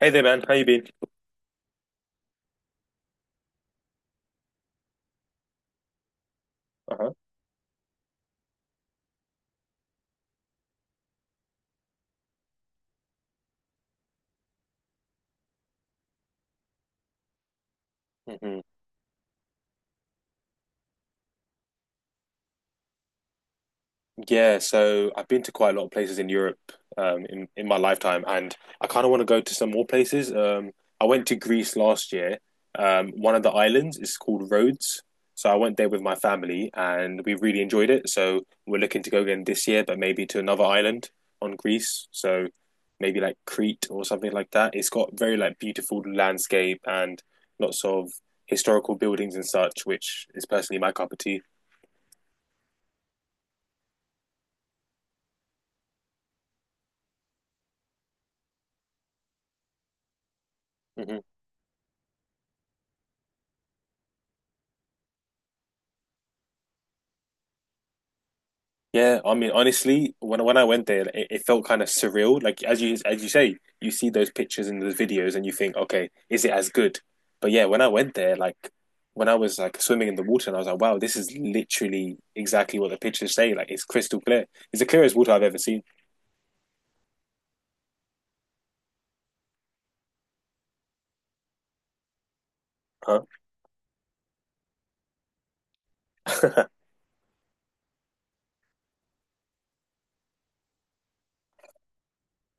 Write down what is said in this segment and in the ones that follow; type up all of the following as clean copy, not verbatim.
Hey there, man. How you been? Uh-huh. Hmm. Yeah, so I've been to quite a lot of places in Europe in my lifetime, and I kind of want to go to some more places. I went to Greece last year. One of the islands is called Rhodes, so I went there with my family, and we really enjoyed it. So we're looking to go again this year, but maybe to another island on Greece. So maybe like Crete or something like that. It's got very like beautiful landscape and lots of historical buildings and such, which is personally my cup of tea. Hmm. Yeah, I mean, honestly, when I went there, it felt kind of surreal. Like as you say, you see those pictures and those videos, and you think, okay, is it as good? But yeah, when I went there, like when I was like swimming in the water, and I was like, wow, this is literally exactly what the pictures say. Like it's crystal clear. It's the clearest water I've ever seen. Huh?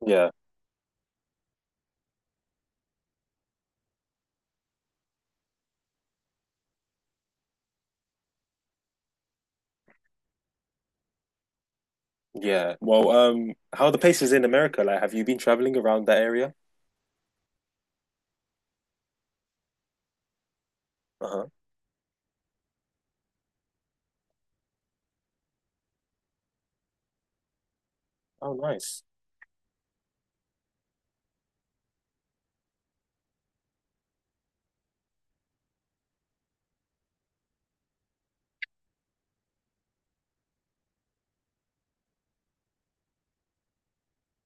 Yeah. Yeah. Well, how are the places in America? Like, have you been traveling around that area? Uh-huh. Oh, nice.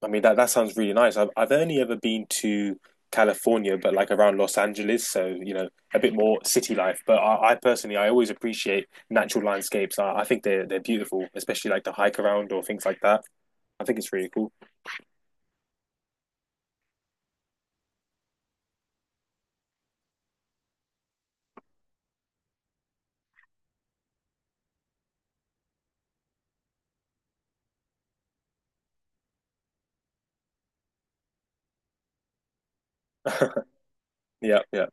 I mean, that sounds really nice. I've only ever been to California, but like around Los Angeles, so a bit more city life. But I personally, I always appreciate natural landscapes. I think they're beautiful, especially like the hike around or things like that. I think it's really cool. Yeah, yeah.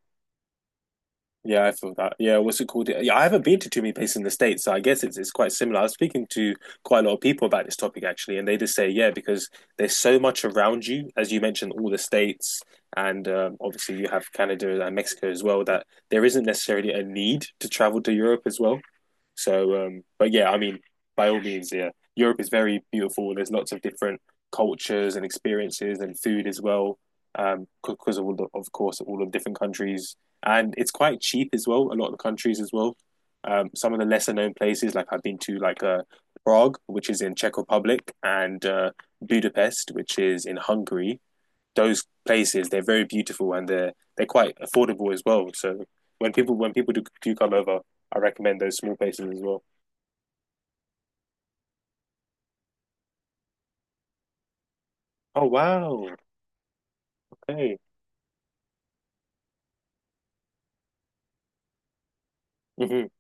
Yeah, I feel that. Yeah, what's it called? Yeah, I haven't been to too many places in the States, so I guess it's quite similar. I was speaking to quite a lot of people about this topic actually, and they just say, yeah, because there's so much around you, as you mentioned, all the states, and obviously you have Canada and Mexico as well, that there isn't necessarily a need to travel to Europe as well. So, but yeah, I mean, by all means, yeah, Europe is very beautiful. There's lots of different cultures and experiences and food as well, because of all the, of course, all of different countries and it's quite cheap as well. A lot of the countries as well. Some of the lesser known places, like I've been to, like Prague, which is in Czech Republic, and Budapest, which is in Hungary. Those places they're very beautiful and they're quite affordable as well. So when people do come over, I recommend those small places as well. Oh wow! Okay. Hmm.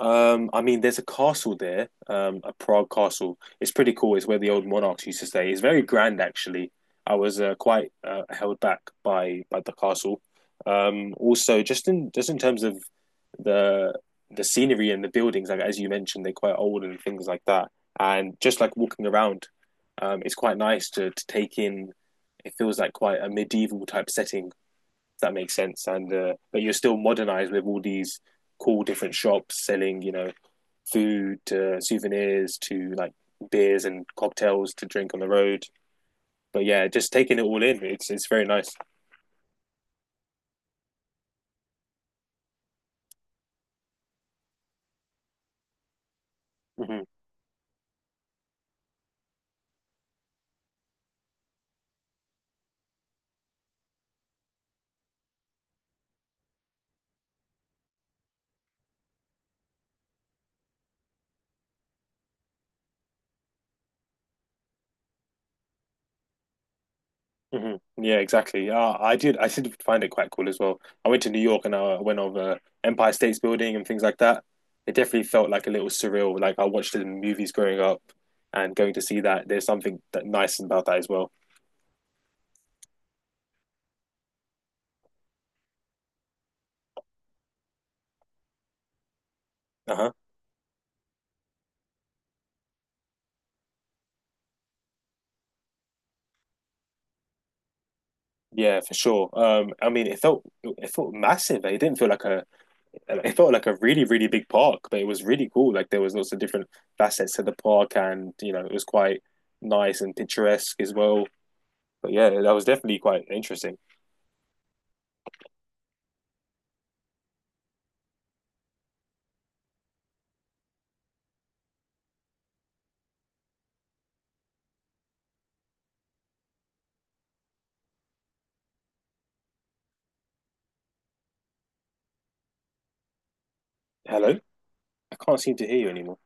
I mean, there's a castle there, a Prague castle. It's pretty cool. It's where the old monarchs used to stay. It's very grand, actually. I was quite held back by the castle. Also, just in terms of the the scenery and the buildings, like as you mentioned, they're quite old and things like that. And just like walking around, it's quite nice to take in. It feels like quite a medieval type setting, if that makes sense. And but you're still modernized with all these cool different shops selling, food to souvenirs to like beers and cocktails to drink on the road. But yeah, just taking it all in, it's very nice. Hmm. Hmm. Yeah, exactly. I did find it quite cool as well. I went to New York and I went over Empire State's Building and things like that. It definitely felt like a little surreal. Like I watched it in movies growing up, and going to see that there's something that nice about that as well. Uh huh. Yeah, for sure. I mean, it felt massive. Eh? It didn't feel like a, it felt like a really really big park, but it was really cool. Like, there was lots of different facets to the park, and it was quite nice and picturesque as well. But yeah, that was definitely quite interesting. Hello, I can't seem to hear you anymore.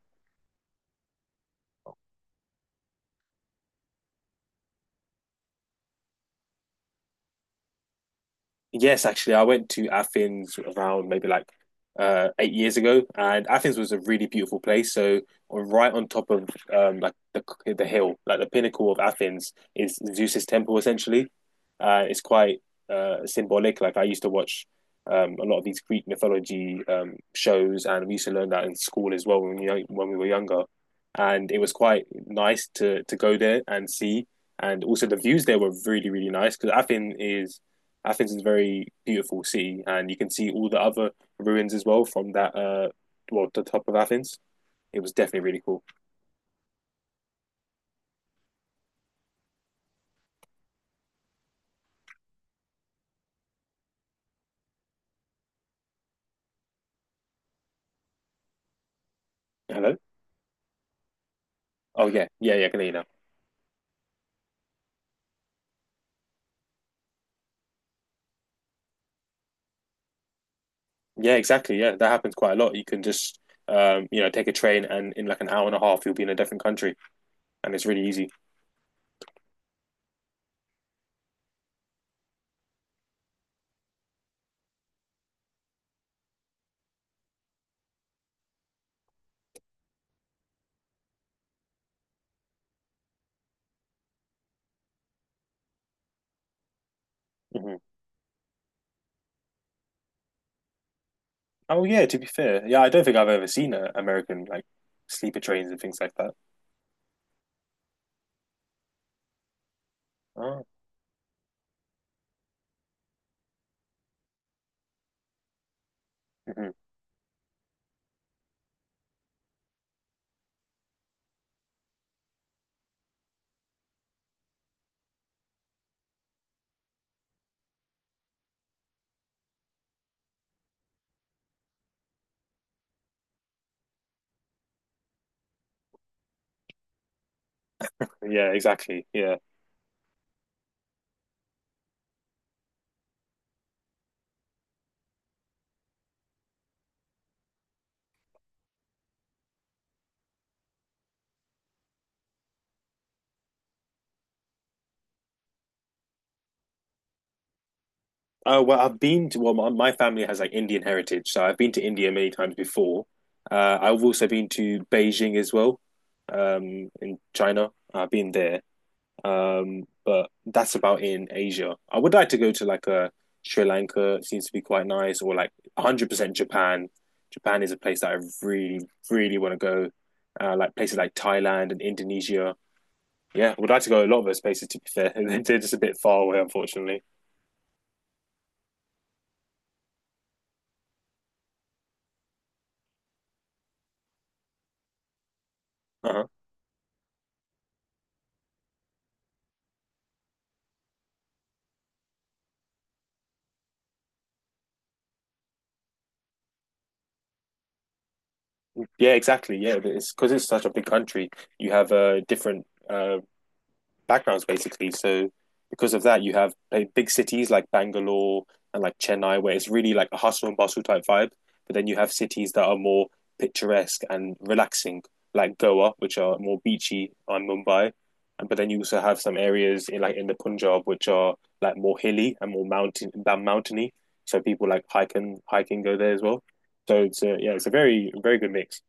Yes, actually, I went to Athens around maybe like 8 years ago, and Athens was a really beautiful place. So right on top of like the hill, like the pinnacle of Athens, is Zeus's temple essentially. It's quite symbolic. Like I used to watch a lot of these Greek mythology shows, and we used to learn that in school as well when we were younger. And it was quite nice to go there and see, and also the views there were really really nice because Athens is a very beautiful city, and you can see all the other ruins as well from that. Well, the top of Athens. It was definitely really cool. Hello. Oh yeah, yeah, yeah. I can hear you now. Yeah, exactly. Yeah, that happens quite a lot. You can just, take a train, and in like an hour and a half, you'll be in a different country, and it's really easy. Hmm. Oh yeah. To be fair, yeah, I don't think I've ever seen a American like sleeper trains and things like that. Oh. Hmm. Yeah, exactly. Yeah. Oh well, I've been to well, my family has like Indian heritage, so I've been to India many times before. I've also been to Beijing as well, in China. I've been there, but that's about in Asia. I would like to go to like a Sri Lanka. It seems to be quite nice, or like 100% Japan. Japan is a place that I really, really want to go. Like places like Thailand and Indonesia. Yeah, I would like to go a lot of those places. To be fair, they're just a bit far away, unfortunately. Uh-huh. Yeah, exactly. Yeah, it's because it's such a big country. You have different backgrounds basically. So because of that, you have like, big cities like Bangalore and like Chennai, where it's really like a hustle and bustle type vibe. But then you have cities that are more picturesque and relaxing, like Goa, which are more beachy, on Mumbai. And but then you also have some areas in the Punjab, which are like more hilly and more mountain than mountainy. So people like hiking go there as well. So it's a very very good mix.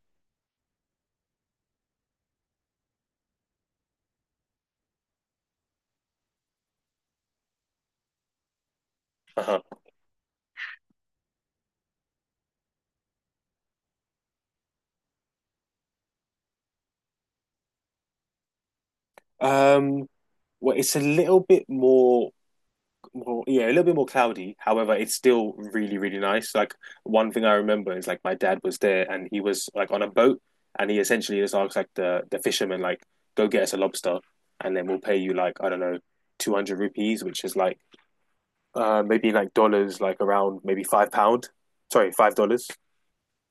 Uh-huh. Um, well, it's a little bit more, yeah, a little bit more cloudy. However, it's still really, really nice. Like one thing I remember is like my dad was there and he was like on a boat and he essentially just asked like the fisherman like, go get us a lobster and then we'll pay you like I don't know, 200 rupees, which is like maybe like dollars, like around maybe £5. Sorry, $5.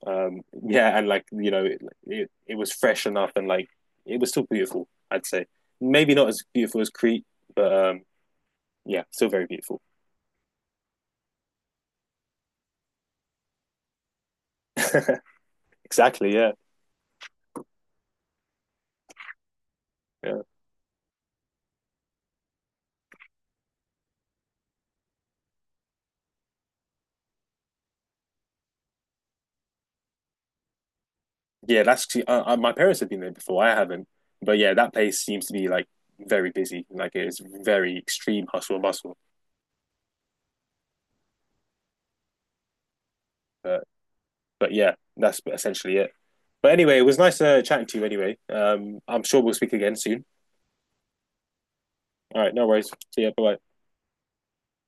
Yeah, and like it was fresh enough, and like it was still beautiful. I'd say maybe not as beautiful as Crete, but yeah, still very beautiful. Exactly. Yeah. Yeah, yeah. That's my parents have been there before. I haven't, but yeah, that place seems to be like very busy. Like it is very extreme hustle and bustle. But but yeah, that's essentially it. But anyway, it was nice chatting to you. Anyway, I'm sure we'll speak again soon. All right, no worries. See ya. Bye bye.